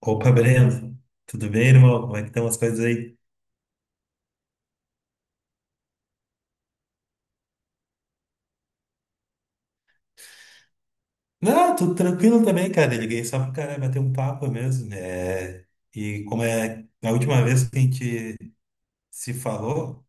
Opa, Breno, tudo bem, irmão? Como é que estão as coisas aí? Não, tudo tranquilo também, cara. Eu liguei só pra cara bater um papo mesmo. E como é a última vez que a gente se falou,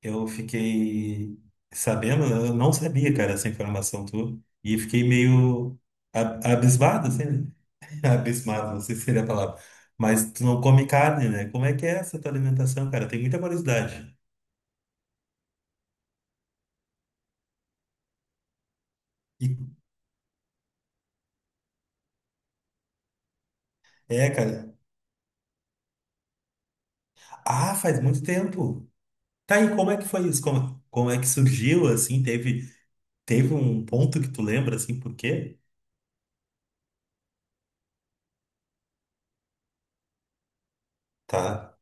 eu fiquei sabendo, né? Eu não sabia, cara, essa informação tua, e fiquei meio abismado, assim, né? Abismado, não sei se seria a palavra. Mas tu não come carne, né? Como é que é essa tua alimentação, cara? Tem muita curiosidade. E- É, cara. Ah, faz muito tempo. Tá, e como é que foi isso? Como é que surgiu, assim? Teve um ponto que tu lembra, assim, por quê? Tá.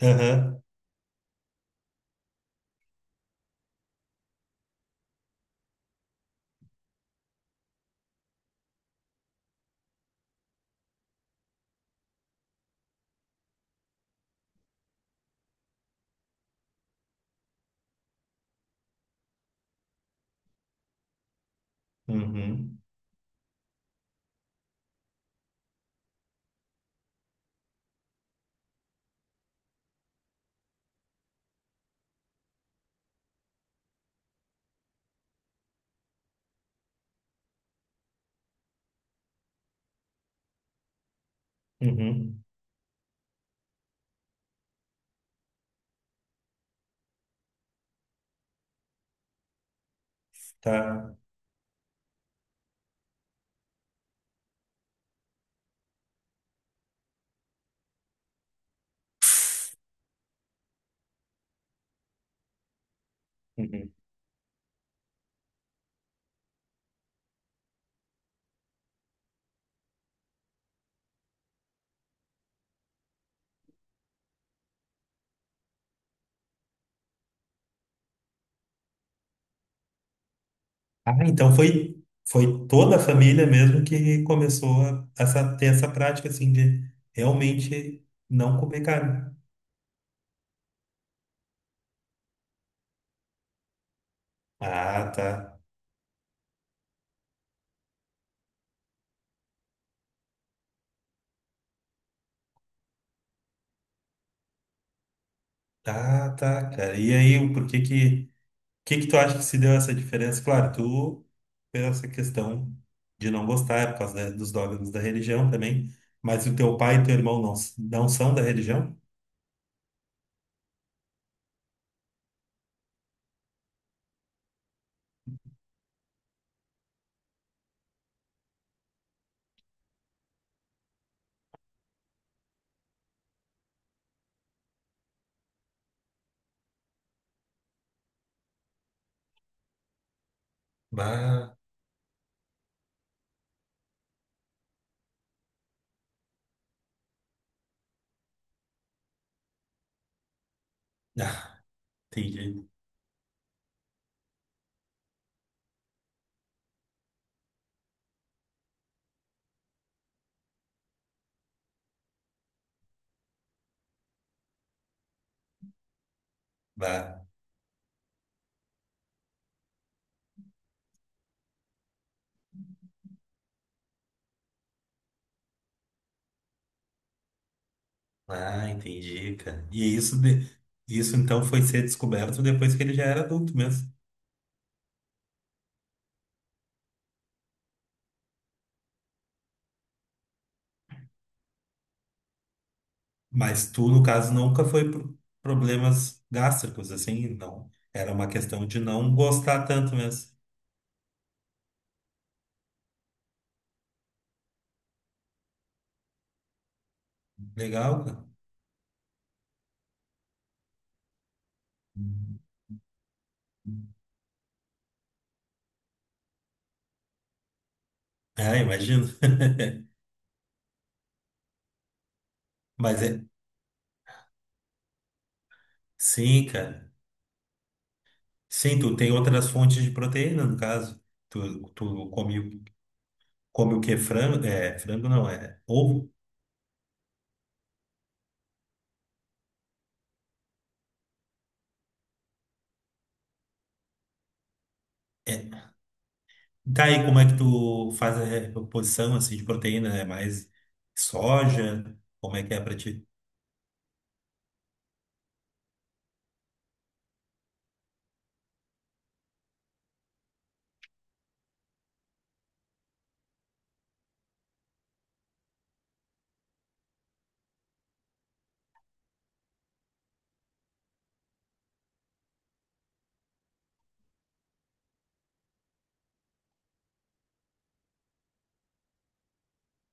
Aham. Uhum. Uhum. Tá. Uhum. Ah, então foi foi, toda a família mesmo que começou a, essa, ter essa prática, assim, de realmente não comer carne. Ah, tá. Ah, tá, cara. E aí, o porquê que... Que tu acha que se deu essa diferença? Claro, tu, pela essa questão de não gostar, é por causa dos dogmas da religião também, mas o teu pai e teu irmão não, não são da religião? Bah, ah, entendi. Bah, ah, entendi, cara. E isso, de, isso então foi ser descoberto depois que ele já era adulto mesmo. Mas tu, no caso, nunca foi por problemas gástricos, assim, não. Era uma questão de não gostar tanto mesmo. Legal, cara. Uhum. Ah, imagino. Mas é. Sim, cara. Sim, tu tem outras fontes de proteína, no caso. Tu come, come o que? Frango? É, frango não, é ovo. É. Tá aí, como é que tu faz a reposição assim, de proteína? É mais soja? Como é que é pra ti?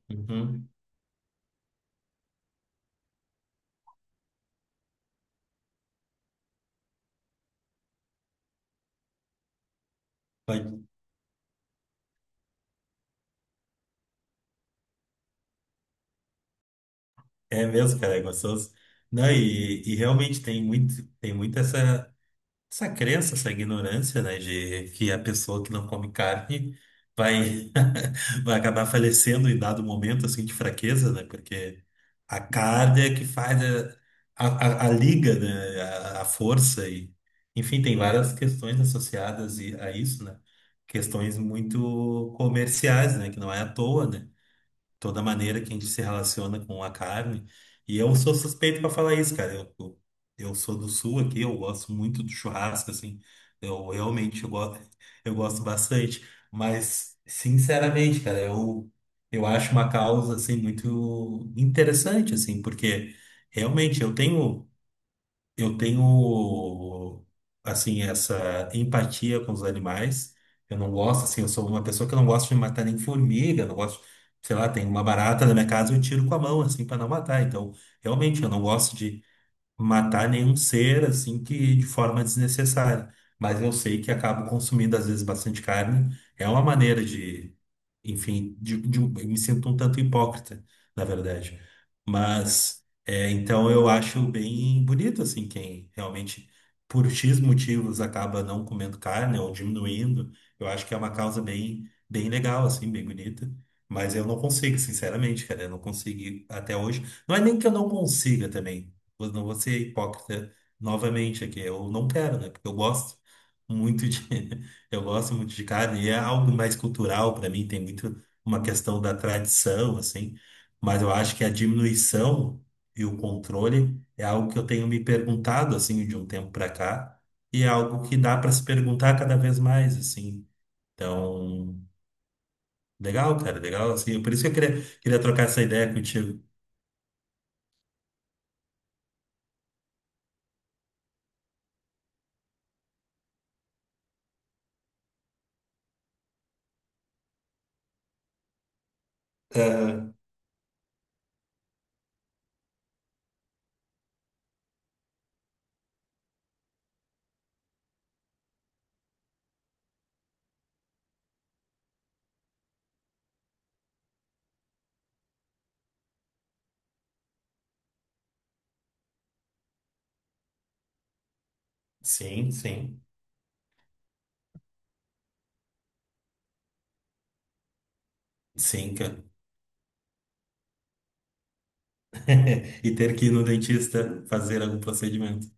Uhum. Pode- É mesmo, cara, é gostoso. Não, e realmente tem muito essa, essa crença, essa ignorância, né, de que a pessoa que não come carne vai. Vai acabar falecendo em dado momento assim de fraqueza, né? Porque a carga é que faz a liga, né? A força e enfim, tem várias questões associadas a isso, né? Questões muito comerciais, né? Que não é à toa, né? Toda a maneira que a gente se relaciona com a carne. E eu sou suspeito para falar isso, cara. Eu sou do sul aqui, eu gosto muito do churrasco, assim. Eu realmente eu gosto bastante. Mas, sinceramente, cara, eu acho uma causa, assim, muito interessante, assim, porque realmente eu tenho. Eu tenho, assim, essa empatia com os animais. Eu não gosto, assim, eu sou uma pessoa que não gosta de matar nem formiga, não gosto, sei lá, tem uma barata na minha casa, eu tiro com a mão, assim, para não matar. Então, realmente, eu não gosto de matar nenhum ser assim que de forma desnecessária. Mas eu sei que acabo consumindo às vezes bastante carne. É uma maneira de, enfim, um, eu me sinto um tanto hipócrita, na verdade. Mas é, então eu acho bem bonito assim quem realmente por X motivos acaba não comendo carne ou diminuindo. Eu acho que é uma causa bem bem legal assim, bem bonita. Mas eu não consigo, sinceramente, cara, eu não consegui até hoje. Não é nem que eu não consiga também não vou ser hipócrita novamente aqui. Eu não quero, né? Porque eu gosto muito de, eu gosto muito de carne. E é algo mais cultural para mim, tem muito uma questão da tradição, assim. Mas eu acho que a diminuição e o controle é algo que eu tenho me perguntado, assim, de um tempo para cá. E é algo que dá para se perguntar cada vez mais, assim. Então, legal, cara, legal, assim. Por isso que eu queria trocar essa ideia contigo. Ah, sim, sim. Sim, cara. E ter que ir no dentista fazer algum procedimento.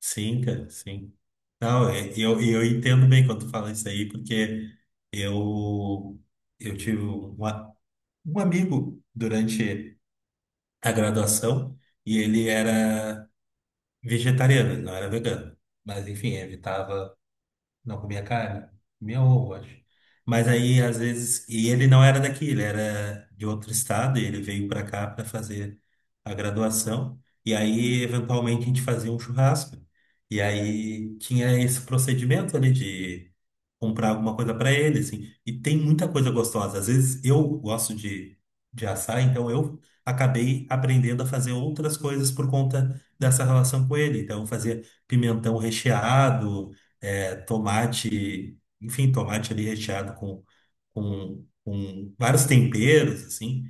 Sim, cara, sim. Não, eu entendo bem quando tu fala isso aí, porque eu, eu tive um amigo durante a graduação e ele era vegetariano, ele não era vegano. Mas, enfim, evitava Não comia carne? Comia ovo, acho. Mas aí, às vezes. E ele não era daqui, ele era de outro estado, e ele veio pra cá pra fazer a graduação. E aí, eventualmente, a gente fazia um churrasco. E aí tinha esse procedimento ali de comprar alguma coisa para ele, assim. E tem muita coisa gostosa. Às vezes eu gosto de assar, então eu acabei aprendendo a fazer outras coisas por conta dessa relação com ele. Então eu fazia pimentão recheado, tomate, enfim, tomate ali recheado com, com vários temperos, assim.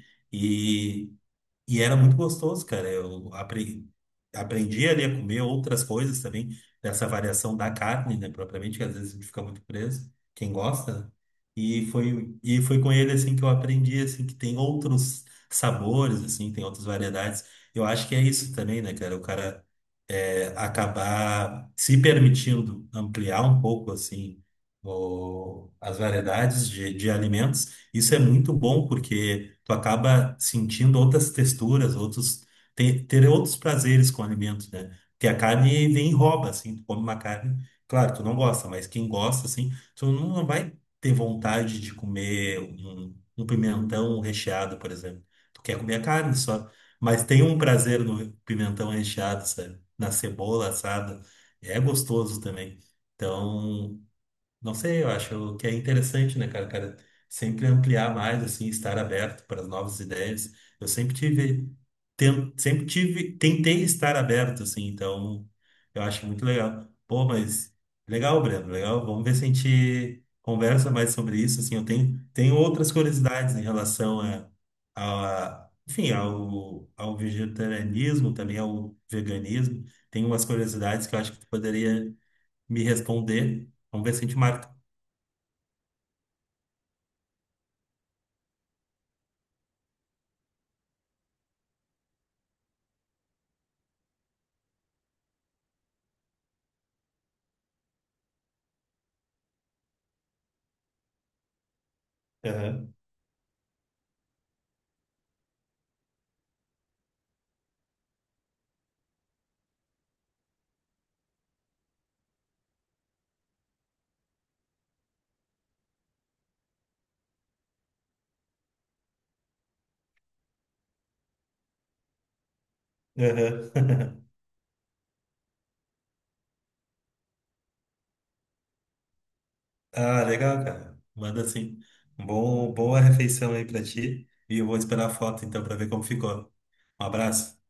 E era muito gostoso, cara. Aprendi ali a comer outras coisas também, dessa variação da carne, né, propriamente, que às vezes a gente fica muito preso, quem gosta, né? E foi com ele, assim, que eu aprendi, assim, que tem outros sabores, assim, tem outras variedades. Eu acho que é isso também, né, cara? O cara é, acabar se permitindo ampliar um pouco, assim, as variedades de alimentos. Isso é muito bom, porque tu acaba sentindo outras texturas, outros ter outros prazeres com o alimento, né? Porque a carne vem e rouba, assim, tu come uma carne, claro, tu não gosta, mas quem gosta, assim, tu não vai ter vontade de comer um, um pimentão recheado, por exemplo. Tu quer comer a carne só, mas tem um prazer no pimentão recheado, sabe? Na cebola assada, é gostoso também. Então, não sei, eu acho que é interessante, né, cara, cara, sempre ampliar mais, assim, estar aberto para as novas ideias. Eu sempre tive, tentei estar aberto, assim, então eu acho muito legal. Pô, mas legal, Breno, legal. Vamos ver se a gente conversa mais sobre isso, assim, tenho outras curiosidades em relação a enfim, ao vegetarianismo, também ao veganismo. Tem umas curiosidades que eu acho que tu poderia me responder. Vamos ver se a gente marca Aham, aham. Ah, legal, cara. Manda sim. Bom, boa refeição aí pra ti. E eu vou esperar a foto então pra ver como ficou. Um abraço.